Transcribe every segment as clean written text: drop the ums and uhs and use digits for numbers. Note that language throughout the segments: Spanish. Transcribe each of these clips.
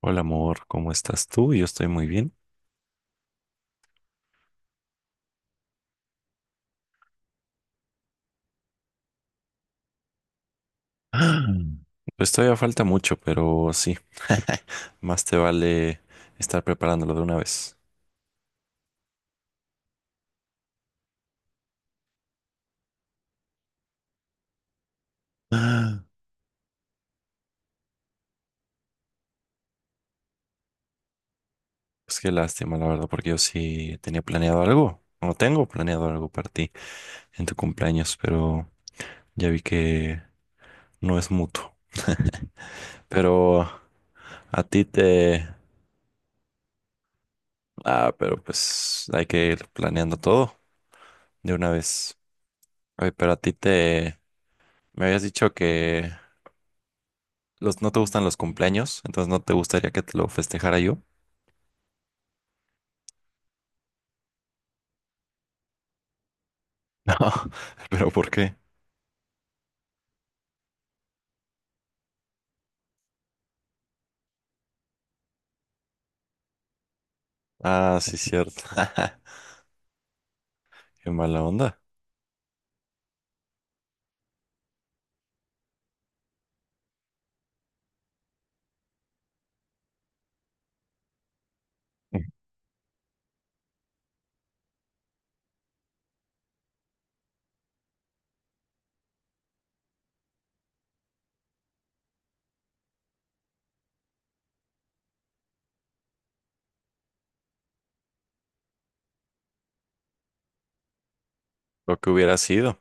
Hola amor, ¿cómo estás tú? Yo estoy muy bien. Ah. Pues todavía falta mucho, pero sí, más te vale estar preparándolo de una vez. Pues qué lástima, la verdad, porque yo sí tenía planeado algo, o tengo planeado algo para ti en tu cumpleaños, pero ya vi que no es mutuo. Pero a ti te... Ah, pero pues hay que ir planeando todo de una vez. Oye, pero a ti te... Me habías dicho que ¿no te gustan los cumpleaños? Entonces no te gustaría que te lo festejara yo. No, pero ¿por qué? Ah, sí, cierto. Qué mala onda. Lo que hubiera sido.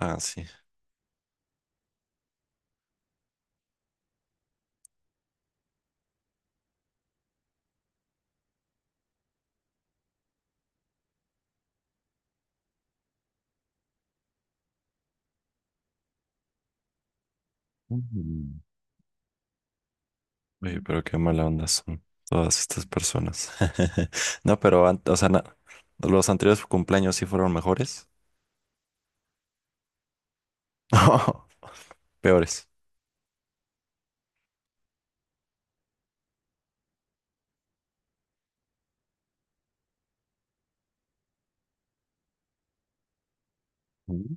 Ah, sí. Mm. Oye, pero qué mala onda son todas estas personas. No, pero, o sea, los anteriores cumpleaños sí fueron mejores. Peores. Ujú.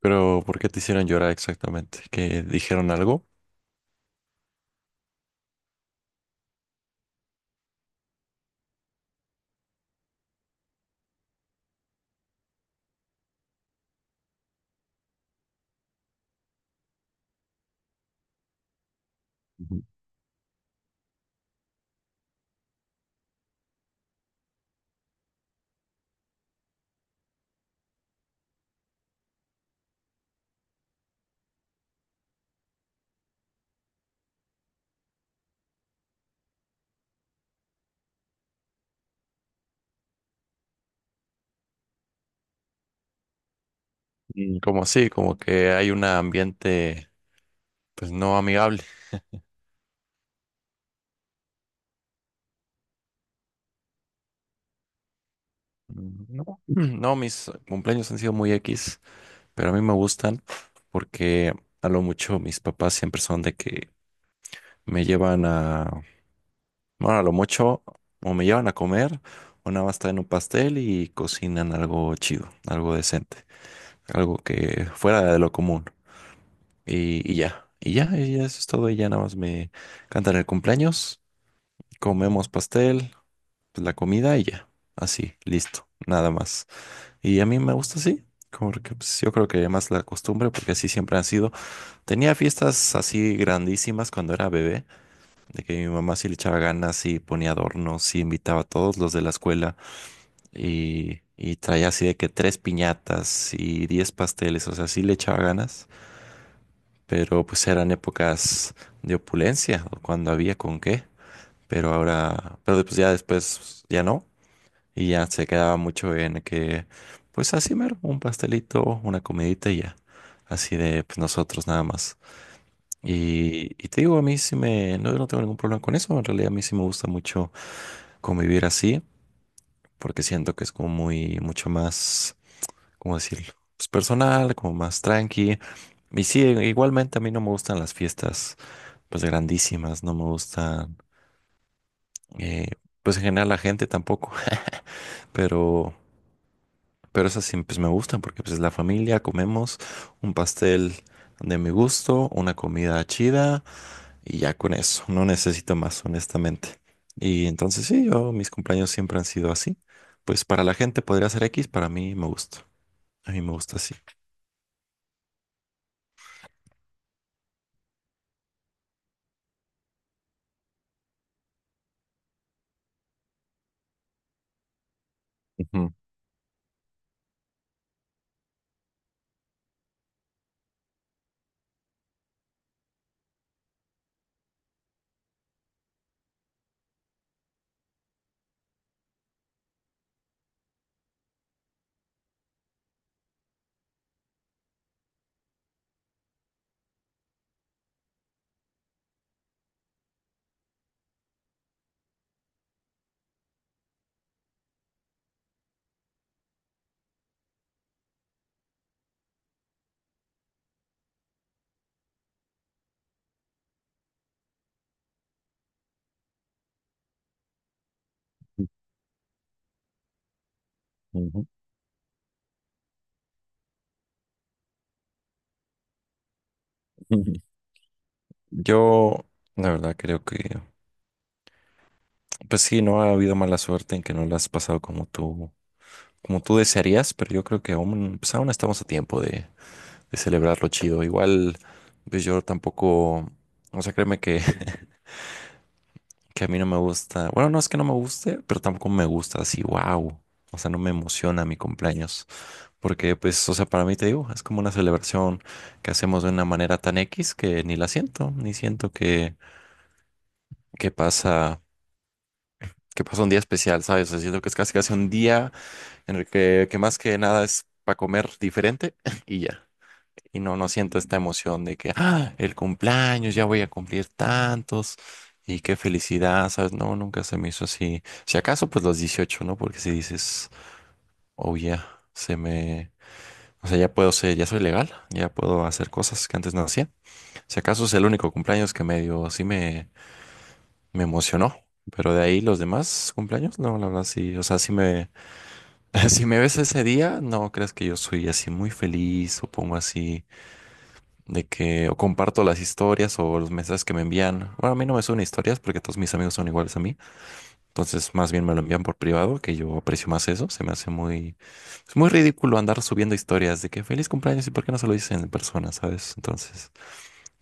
Pero ¿por qué te hicieron llorar exactamente? ¿Que dijeron algo? Ujú. Mm, como así, como que hay un ambiente, pues no amigable. Mm, no, no, mis cumpleaños han sido muy X, pero a mí me gustan porque a lo mucho mis papás siempre son de que me llevan a, bueno, a lo mucho o me llevan a comer o nada más traen un pastel y cocinan algo chido, algo decente, algo que fuera de lo común y, y ya eso es todo y ya nada más me cantan el cumpleaños, comemos pastel, pues, la comida y ya, así, listo, nada más. Y a mí me gusta así, como que pues, yo creo que más la costumbre, porque así siempre han sido. Tenía fiestas así grandísimas cuando era bebé, de que mi mamá sí le echaba ganas y ponía adornos y invitaba a todos los de la escuela y traía así de que tres piñatas y 10 pasteles, o sea, sí le echaba ganas, pero pues eran épocas de opulencia, cuando había con qué, pero ahora, pero pues ya después ya no. Y ya se quedaba mucho en que, pues así mero, un pastelito, una comidita y ya. Así de pues, nosotros nada más. Y te digo, a mí sí me, no, no tengo ningún problema con eso. En realidad a mí sí me gusta mucho convivir así, porque siento que es como muy, mucho más, ¿cómo decirlo? Pues personal, como más tranqui. Y sí, igualmente a mí no me gustan las fiestas, pues grandísimas, no me gustan, eh, pues en general la gente tampoco, pero... Pero esas sí, pues me gustan porque pues es la familia, comemos un pastel de mi gusto, una comida chida y ya con eso, no necesito más, honestamente. Y entonces sí, yo mis cumpleaños siempre han sido así. Pues para la gente podría ser X, para mí me gusta. A mí me gusta así. Ujú, ujú, ujú. Yo, la verdad, creo que, pues sí, no ha habido mala suerte en que no la has pasado como tú desearías, pero yo creo que aún, pues aún estamos a tiempo de celebrarlo chido. Igual, pues yo tampoco, o sea, créeme que, que a mí no me gusta, bueno, no es que no me guste, pero tampoco me gusta así, wow. O sea, no me emociona mi cumpleaños, porque pues, o sea, para mí te digo, es como una celebración que hacemos de una manera tan X que ni la siento, ni siento que pasa, que pasa un día especial, ¿sabes? O sea, siento que es casi casi un día en el que más que nada es para comer diferente y ya. Y no, no siento esta emoción de que, ah, el cumpleaños, ya voy a cumplir tantos y qué felicidad, ¿sabes? No, nunca se me hizo así. Si acaso, pues los 18, ¿no? Porque si dices, oh, ya, se me... O sea, ya puedo ser, ya soy legal, ya puedo hacer cosas que antes no hacía. Si acaso es el único cumpleaños que medio sí me emocionó. Pero de ahí los demás cumpleaños, no, la verdad sí. O sea, si me ves ese día, no creas que yo soy así muy feliz o pongo así de que o comparto las historias o los mensajes que me envían. Bueno, a mí no me suben historias porque todos mis amigos son iguales a mí. Entonces, más bien me lo envían por privado, que yo aprecio más eso. Se me hace es muy ridículo andar subiendo historias de que feliz cumpleaños y por qué no se lo dicen en persona, ¿sabes? Entonces,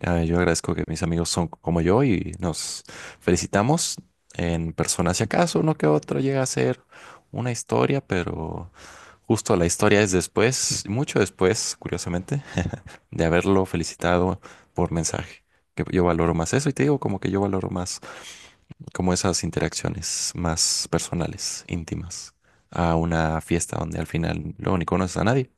ah, yo agradezco que mis amigos son como yo y nos felicitamos en persona. Si acaso uno que otro llega a ser una historia, pero justo la historia es después, mucho después, curiosamente de haberlo felicitado por mensaje. Que yo valoro más eso y te digo como que yo valoro más como esas interacciones más personales, íntimas, a una fiesta donde al final luego ni conoces a nadie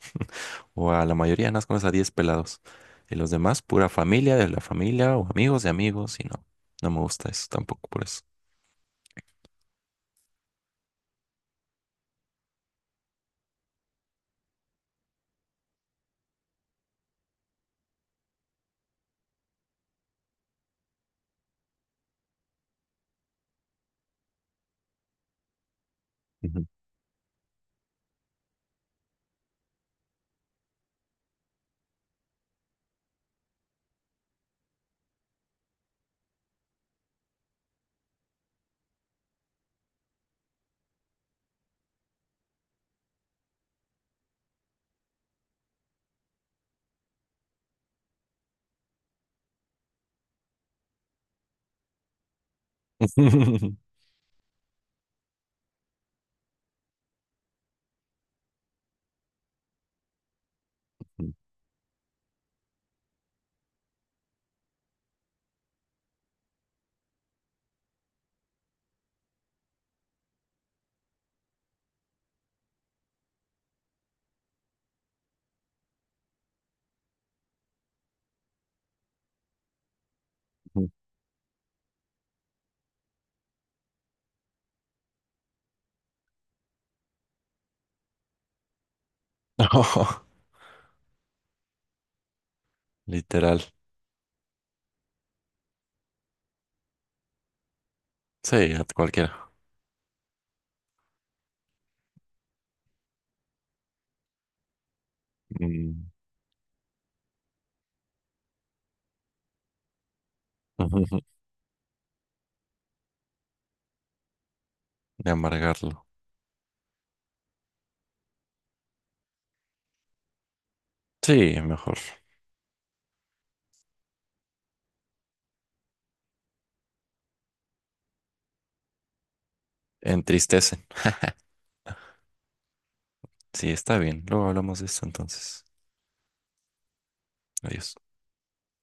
o a la mayoría nada más conoces a 10 pelados y los demás pura familia de la familia o amigos de amigos y no, no me gusta eso tampoco por eso. Ujú. No, literal. Sí, a cualquiera. Mm. De amargarlo. Sí, mejor. Entristece. Sí, está bien. Luego hablamos de esto entonces. Adiós.